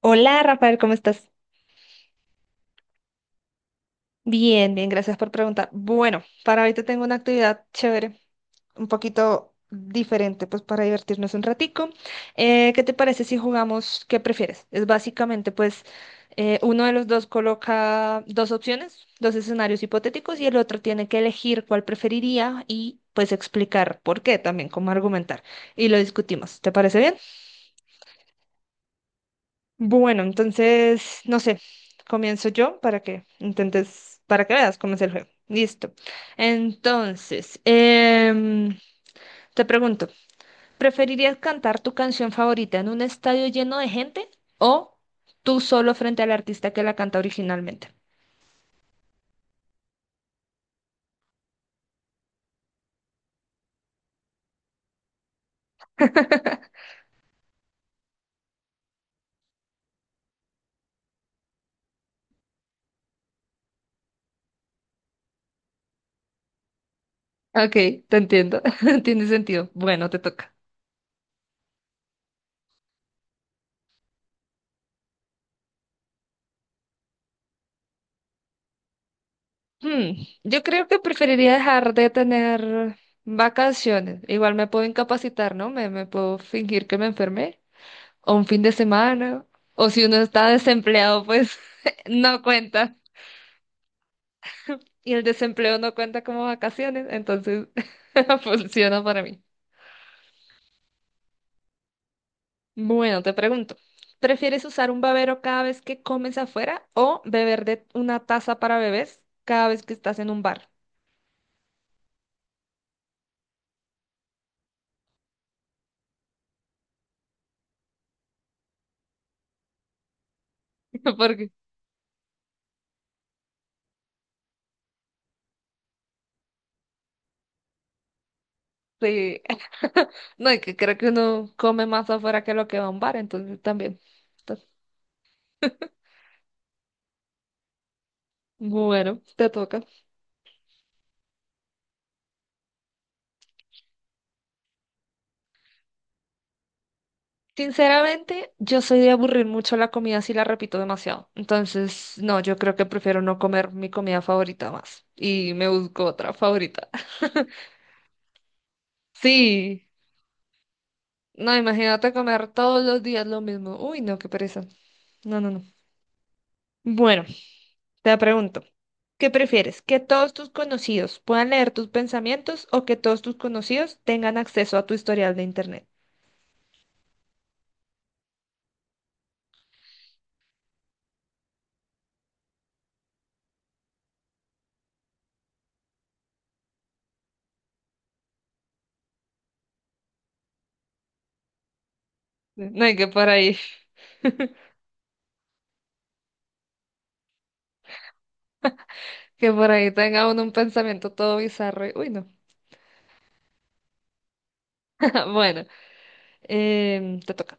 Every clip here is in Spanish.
Hola Rafael, ¿cómo estás? Bien, bien, gracias por preguntar. Bueno, para ahorita tengo una actividad chévere, un poquito diferente, pues para divertirnos un ratico. ¿Qué te parece si jugamos qué prefieres? Es básicamente, pues, uno de los dos coloca dos opciones, dos escenarios hipotéticos y el otro tiene que elegir cuál preferiría y pues explicar por qué también, cómo argumentar. Y lo discutimos. ¿Te parece bien? Bueno, entonces, no sé, comienzo yo para que intentes, para que veas cómo es el juego. Listo. Entonces, em, te pregunto, ¿preferirías cantar tu canción favorita en un estadio lleno de gente o tú solo frente al artista que la canta originalmente? Ok, te entiendo. Tiene sentido. Bueno, te toca. Hmm, Yo creo que preferiría dejar de tener vacaciones. Igual me puedo incapacitar, ¿no? Me puedo fingir que me enfermé o un fin de semana, o si uno está desempleado, pues no cuenta. Y el desempleo no cuenta como vacaciones, entonces funciona para mí. Bueno, te pregunto, ¿prefieres usar un babero cada vez que comes afuera o beber de una taza para bebés cada vez que estás en un bar? Porque sí, no, y que creo que uno come más afuera que lo que va a un bar, entonces también. Entonces, bueno, te toca. Sinceramente, yo soy de aburrir mucho la comida si la repito demasiado. Entonces, no, yo creo que prefiero no comer mi comida favorita más y me busco otra favorita. Sí, no, imagínate comer todos los días lo mismo. Uy, no, qué pereza. No, no, no. Bueno, te pregunto, ¿qué prefieres? ¿Que todos tus conocidos puedan leer tus pensamientos o que todos tus conocidos tengan acceso a tu historial de internet? No, y que por ahí, tenga uno un pensamiento todo bizarro. Uy, no. Bueno. Te toca.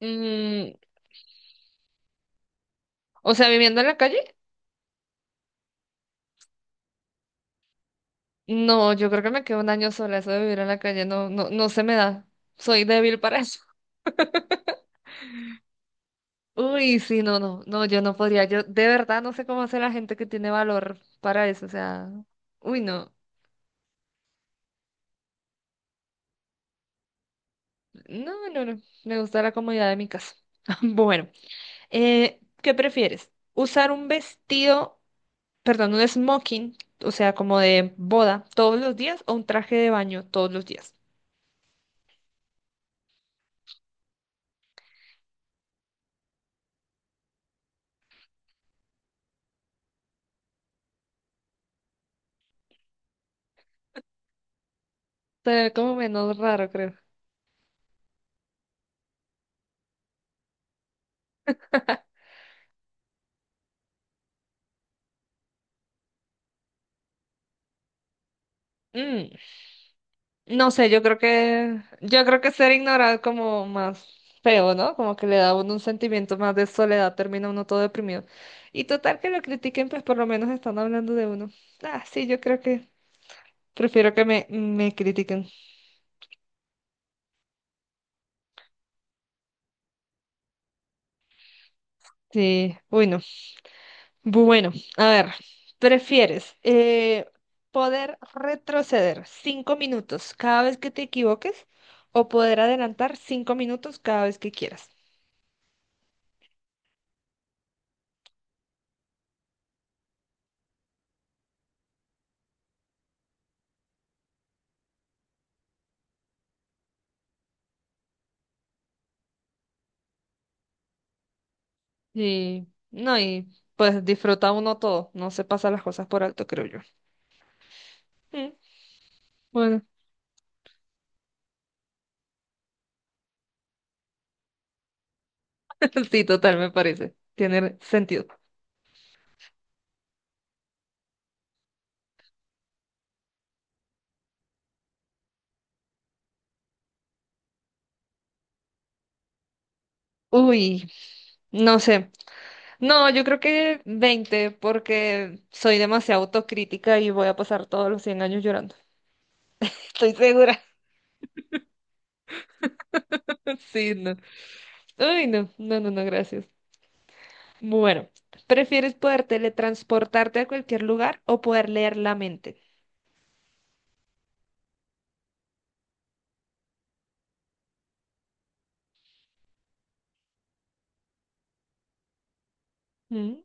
Mm, o sea, viviendo en la calle, no, yo creo que me quedo un año sola. Eso de vivir en la calle no, no, no se me da. Soy débil para eso. Uy, sí, no, no, no, yo no podría. Yo de verdad no sé cómo hace la gente que tiene valor para eso. O sea, uy, no, no, no, no. Me gusta la comodidad de mi casa. Bueno, ¿qué prefieres? ¿Usar un vestido, perdón, un smoking, o sea, como de boda todos los días o un traje de baño todos los días? Ser como menos raro, creo. Mm, no sé, yo creo que ser ignorado es como más feo, ¿no? Como que le da a uno un sentimiento más de soledad, termina uno todo deprimido. Y total que lo critiquen, pues por lo menos están hablando de uno. Ah, sí, yo creo que prefiero que me critiquen. Sí, uy, no. Bueno, a ver, ¿prefieres poder retroceder 5 minutos cada vez que te equivoques o poder adelantar 5 minutos cada vez que quieras? Sí, no, y pues disfruta uno todo, no se pasa las cosas por alto, creo yo. Mm, Bueno, sí, total, me parece, tiene sentido. Uy, no sé, no, yo creo que 20 porque soy demasiado autocrítica y voy a pasar todos los 100 años llorando. Estoy segura. Sí, no. Uy, no, no, no, no, gracias. Bueno, ¿prefieres poder teletransportarte a cualquier lugar o poder leer la mente? Mm,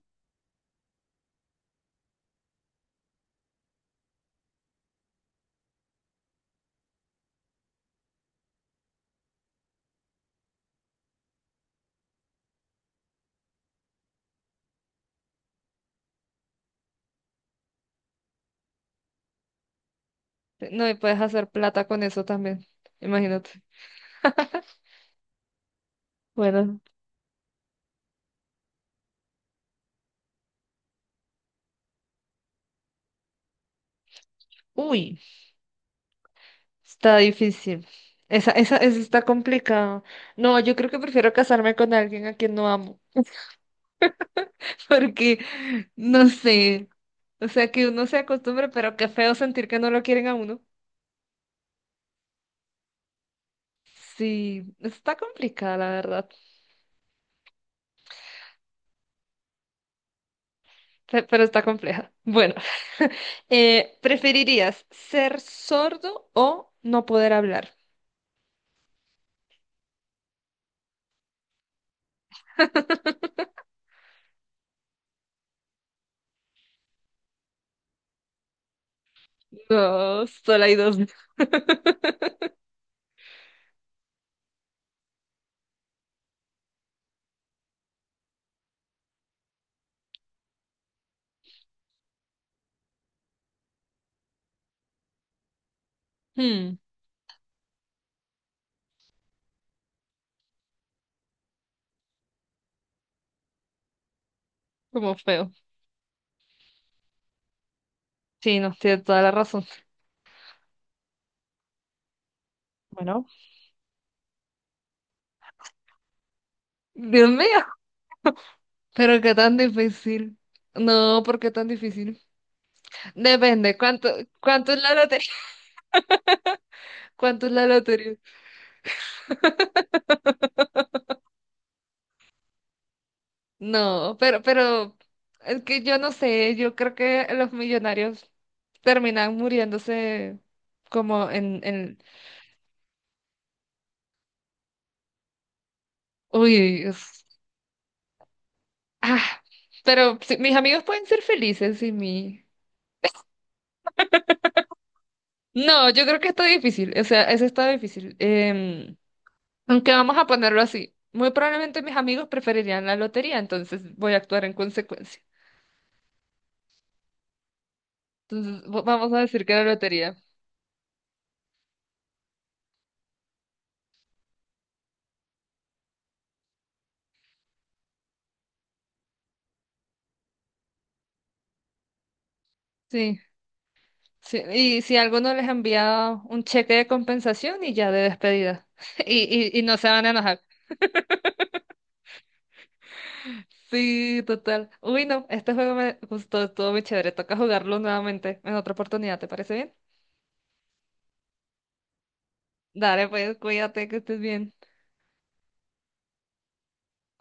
No, y puedes hacer plata con eso también, imagínate. Bueno, uy, está difícil. Esa está complicada. No, yo creo que prefiero casarme con alguien a quien no amo, porque no sé. O sea, que uno se acostumbre, pero qué feo sentir que no lo quieren a uno. Sí, está complicada, la verdad, pero está compleja. Bueno, ¿preferirías ser sordo o no poder hablar? No, solo hay dos. Hmm, como feo. Sí, no, tiene toda la razón. Bueno, Dios mío. Pero qué tan difícil. No, ¿por qué tan difícil? Depende, ¿cuánto es la lotería? ¿Cuánto es la lotería? No, pero, es que yo no sé, yo creo que los millonarios terminan muriéndose como uy, ah, pero sí, mis amigos pueden ser felices sin mí. No, yo creo que está difícil, o sea, eso está difícil. Em, aunque vamos a ponerlo así, muy probablemente mis amigos preferirían la lotería, entonces voy a actuar en consecuencia. Entonces, vamos a decir que la lotería. Sí, sí. Y si alguno les ha enviado un cheque de compensación y ya de despedida. Y no se van a enojar. Sí, total. Uy, no, este juego me gustó, estuvo muy chévere. Toca jugarlo nuevamente en otra oportunidad, ¿te parece bien? Dale, pues, cuídate, que estés bien.